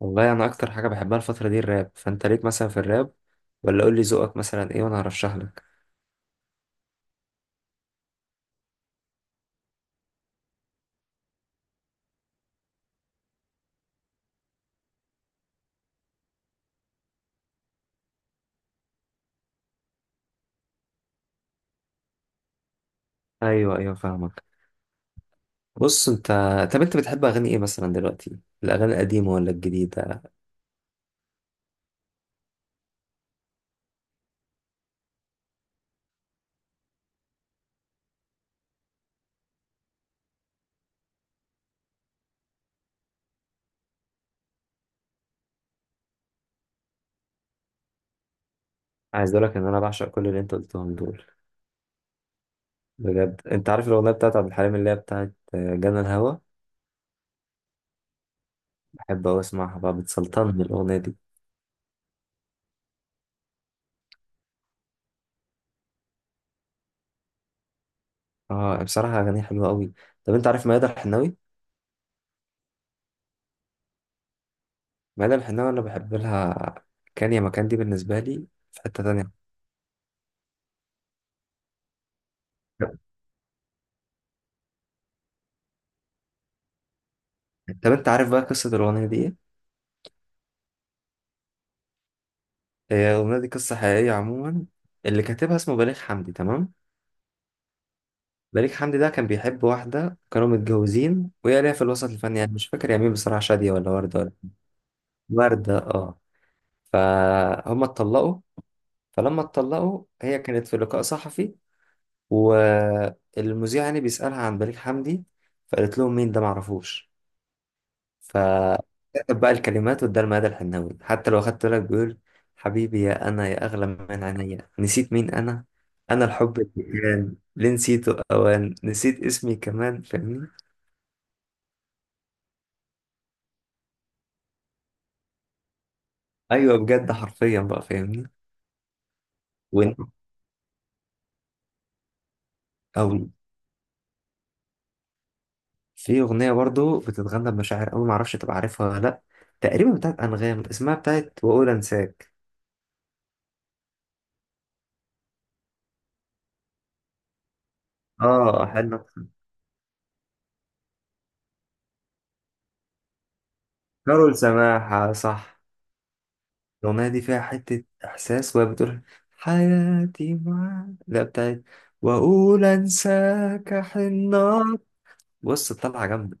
والله انا اكتر حاجه بحبها الفتره دي الراب، فانت ليك مثلا في الراب؟ ولا قول لي ذوقك مثلا ايه وانا هرشح لك. ايوه، ايوه، فاهمك. بص انت. طب انت بتحب اغاني ايه مثلا دلوقتي، الاغاني القديمه ولا الجديده؟ عايز اقول لك ان انا بعشق كل اللي انت قلتهم دول. بجد، انت عارف الاغنيه بتاعت عبد الحليم اللي هي بتاعت جنى الهوى؟ بحب اوي اسمعها بقى، بتسلطني الاغنيه دي. اه، بصراحه اغانيها حلوه قوي. طب انت عارف ميادة الحناوي؟ ميادة الحناوي، انا بحب لها. كان يا مكان دي بالنسبه لي. في حته تانية. طب انت عارف بقى قصه الاغنيه دي ايه؟ هي الأغنية دي قصة حقيقية عموما. اللي كاتبها اسمه بليغ حمدي، تمام؟ بليغ حمدي ده كان بيحب واحدة، كانوا متجوزين وهي ليها في الوسط الفني، يعني مش فاكر يا مين بصراحة، شادية ولا وردة ولا. وردة، اه. فهم اتطلقوا. فلما اتطلقوا هي كانت في لقاء صحفي، والمذيع يعني بيسألها عن بليغ حمدي، فقالت لهم مين ده، معرفوش. فكتب بقى الكلمات واداها لمدى الحناوي، حتى لو اخدت بالك بيقول: حبيبي يا انا، يا اغلى من عينيا، نسيت مين انا. انا الحب اللي كان ليه نسيته، اوان نسيت اسمي كمان، فاهمني؟ ايوه بجد، حرفيا بقى، فاهمني؟ وانت. او. في اغنيه برضو بتتغنى بمشاعر قوي، معرفش تبقى عارفها ولا لا. تقريبا بتاعت انغام، اسمها بتاعت واقول انساك. اه، حلو. كارول سماحه، صح. الأغنية دي فيها حتة إحساس، وهي بتقول: حياتي معاك، لا بتاعت وأقول أنساك، حنات. بص، طالعة جامدة.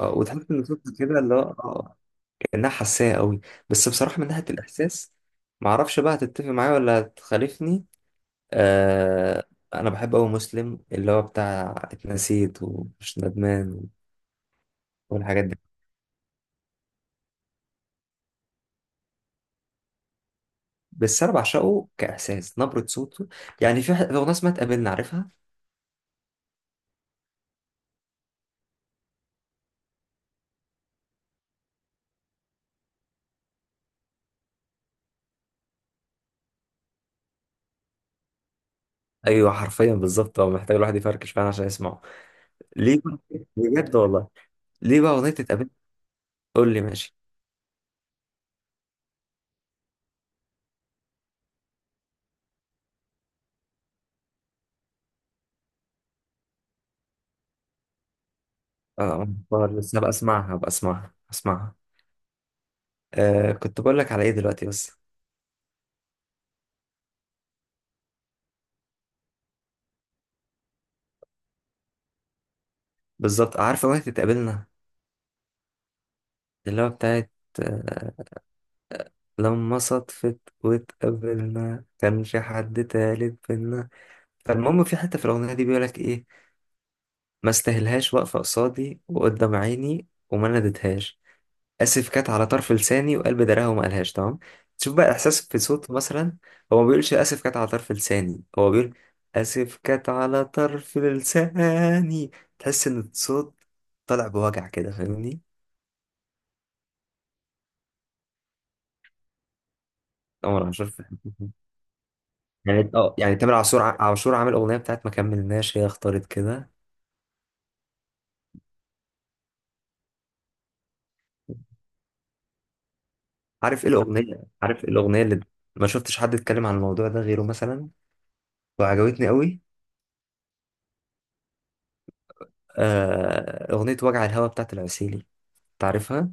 آه، وتحس إن صوتها كده اللي هو كأنها حساسة قوي. بس بصراحة من ناحية الإحساس، معرفش بقى هتتفق معايا ولا هتخالفني. آه. أنا بحب أوي مسلم، اللي هو بتاع اتنسيت ومش ندمان والحاجات دي. بس أنا بعشقه كإحساس، نبرة صوته. يعني في في أغنية اسمها تقابلنا، عارفها؟ ايوه حرفيا بالظبط، هو محتاج الواحد يفركش فعلا عشان يسمعه. ليه بقى؟ بجد والله. ليه بقى اغنيه تتقابل؟ قول لي ماشي. اه، آه، لسه هبقى اسمعها، هبقى اسمعها، اسمعها. آه، كنت بقول لك على ايه دلوقتي بس. بالظبط، عارف اغنيه تتقابلنا، اللي هو بتاعت آه لما صدفت واتقابلنا، كانش حد تالت بينا. فالمهم، في حته في الاغنيه دي بيقول لك ايه: ما استاهلهاش، واقفه قصادي وقدام عيني، وما نديتهاش. اسف كانت على طرف لساني، وقلب دراها وما قالهاش، تمام. تشوف بقى احساس في صوت مثلا. هو ما بيقولش اسف كانت على طرف لساني، هو بيقول: اسف كانت على طرف لساني. تحس ان الصوت طالع بوجع كده، فاهمني؟ عمر عاشور في حتة. يعني اه، يعني تامر عاشور عاشور عامل اغنيه بتاعت ما كملناش، هي اختارت كده. عارف ايه الاغنيه، عارف ايه الاغنيه اللي ما شفتش حد اتكلم عن الموضوع ده غيره مثلا، وعجبتني قوي؟ آه، اغنيه وجع الهوا بتاعت العسيلي. تعرفها؟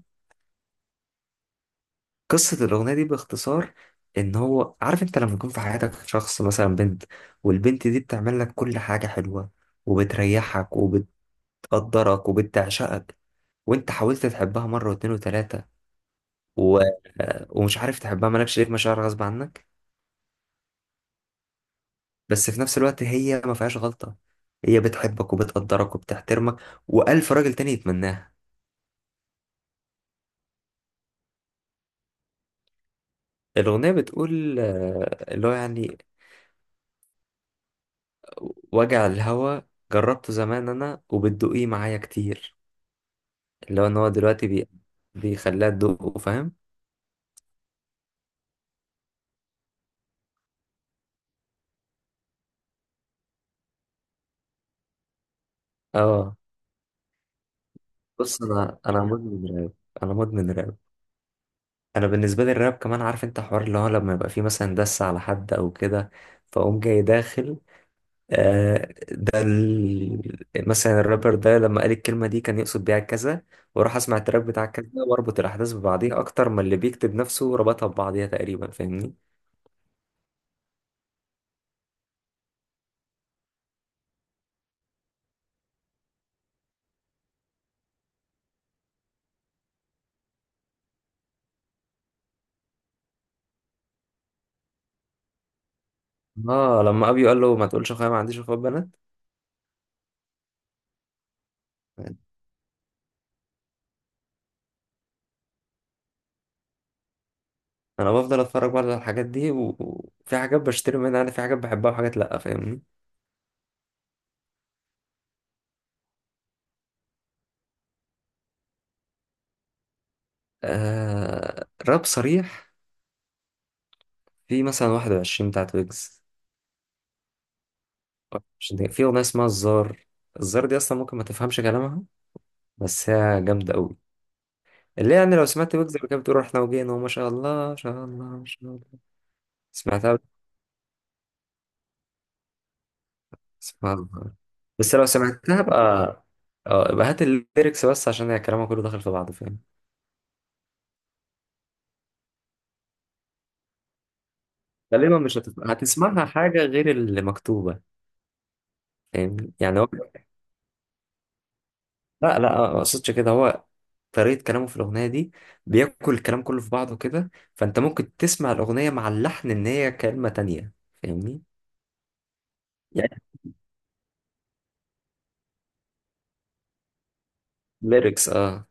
قصة الأغنية دي باختصار، إن هو عارف، أنت لما يكون في حياتك شخص مثلا بنت، والبنت دي بتعمل لك كل حاجة حلوة، وبتريحك، وبتقدرك وبتعشقك، وأنت حاولت تحبها مرة واتنين وتلاتة، و... ومش عارف تحبها، مالكش ليه مشاعر غصب عنك. بس في نفس الوقت هي ما فيهاش غلطة، هي بتحبك وبتقدرك وبتحترمك، وألف راجل تاني يتمناها. الأغنية بتقول اللي هو يعني: وجع الهوى، جربته زمان أنا وبتدوقيه معايا كتير. اللي هو ان هو دلوقتي بيخليها تدوقه، فاهم؟ اه، بص، انا مدمن راب. انا مدمن راب. انا بالنسبه لي الراب كمان، عارف انت حوار اللي هو لما يبقى فيه مثلا دس على حد او كده، فاقوم جاي داخل. آه ده ال... مثلا الرابر ده لما قال الكلمه دي كان يقصد بيها كذا، واروح اسمع التراك بتاع كذا واربط الاحداث ببعضيها اكتر ما اللي بيكتب نفسه ربطها ببعضيها تقريبا، فاهمني؟ اه، لما ابيو قال له ما تقولش اخويا، ما عنديش اخوات بنات. انا بفضل اتفرج برضه على الحاجات دي و- وفي حاجات بشتري منها، انا في حاجات بحبها وحاجات لا، فاهمني؟ آه، راب صريح. في مثلا 21 بتاعت ويجز. مش دي- في اغنيه اسمها الزار. الزار دي اصلا ممكن ما تفهمش كلامها، بس هي جامده قوي. اللي هي يعني لو سمعت ويجز اللي كانت بتقول رحنا وجينا وما شاء الله ما شاء الله ما شاء الله. سمعتها؟ سبحان الله. بس لو سمعتها بقى. اه، يبقى هات الليركس بس، عشان هي كلامها كله داخل في بعضه، فاهم؟ غالبا مش هتسمعها حاجة غير اللي مكتوبة. فاهم؟ يعني هو. لا، لا، ما اقصدش كده، هو طريقة كلامه في الأغنية دي، بياكل الكلام كله في بعضه كده، فأنت ممكن تسمع الأغنية مع اللحن إن هي كلمة تانية. فاهمني؟ يعني. ليركس، اه.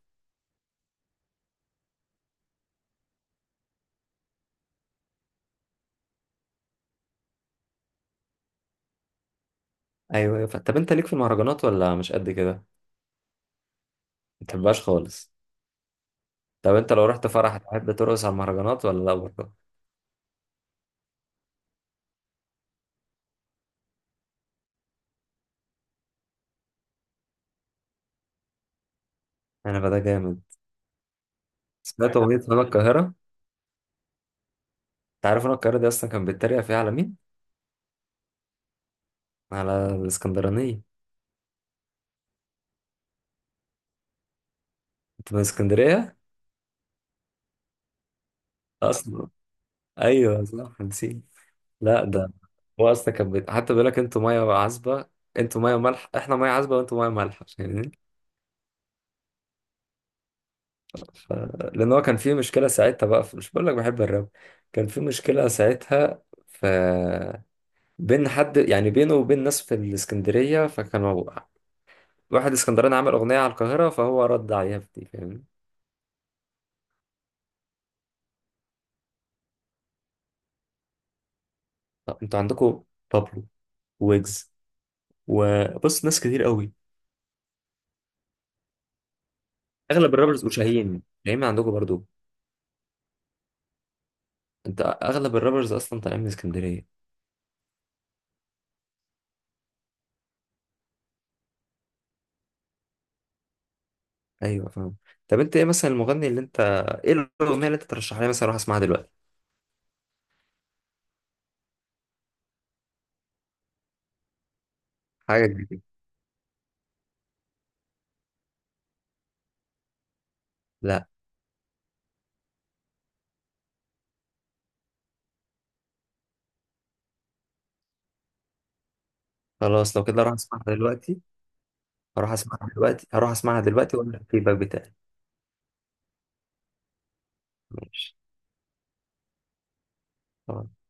أيوه، أيوه، طب أنت ليك في المهرجانات ولا مش قد كده؟ ما بتحبهاش خالص. طب أنت لو رحت فرح تحب ترقص على المهرجانات ولا لا برضه؟ أنا بقى ده جامد. سمعت أغنية هنا القاهرة؟ أنت عارف هنا القاهرة دي أصلا كان بيتريق فيها على مين؟ على الإسكندرانية. أنت من اسكندرية؟ أصلا. أيوه، صح، نسيت. لا، ده هو اصلا كان حتى بيقول لك انتوا ميه عذبه. انتوا ميه مالحه، احنا ميه عذبه وانتوا ميه مالحه، فاهمني؟ ف... لان هو كان في مشكله ساعتها بقى مش بقول لك بحب الراب؟ كان في مشكله ساعتها، بين حد يعني بينه وبين ناس في الاسكندريه، فكانوا واحد اسكندراني عمل اغنيه على القاهره فهو رد عليها في دي، فاهمني؟ طب انتوا عندكم بابلو، ويجز، وبص ناس كتير قوي. اغلب الرابرز وشاهين، شاهين عندكم برضو. انت اغلب الرابرز اصلا طالعين من اسكندريه. ايوه، فاهم. طب انت ايه مثلا المغني اللي انت، ايه الاغنيه اللي انت ترشحها لي مثلا اروح اسمعها دلوقتي؟ حاجه جديده. لا. خلاص، لو كده اروح اسمعها دلوقتي. اروح اسمعها دلوقتي، هروح اسمعها دلوقتي واقول لك الفيدباك بتاعي. ماشي. خلاص.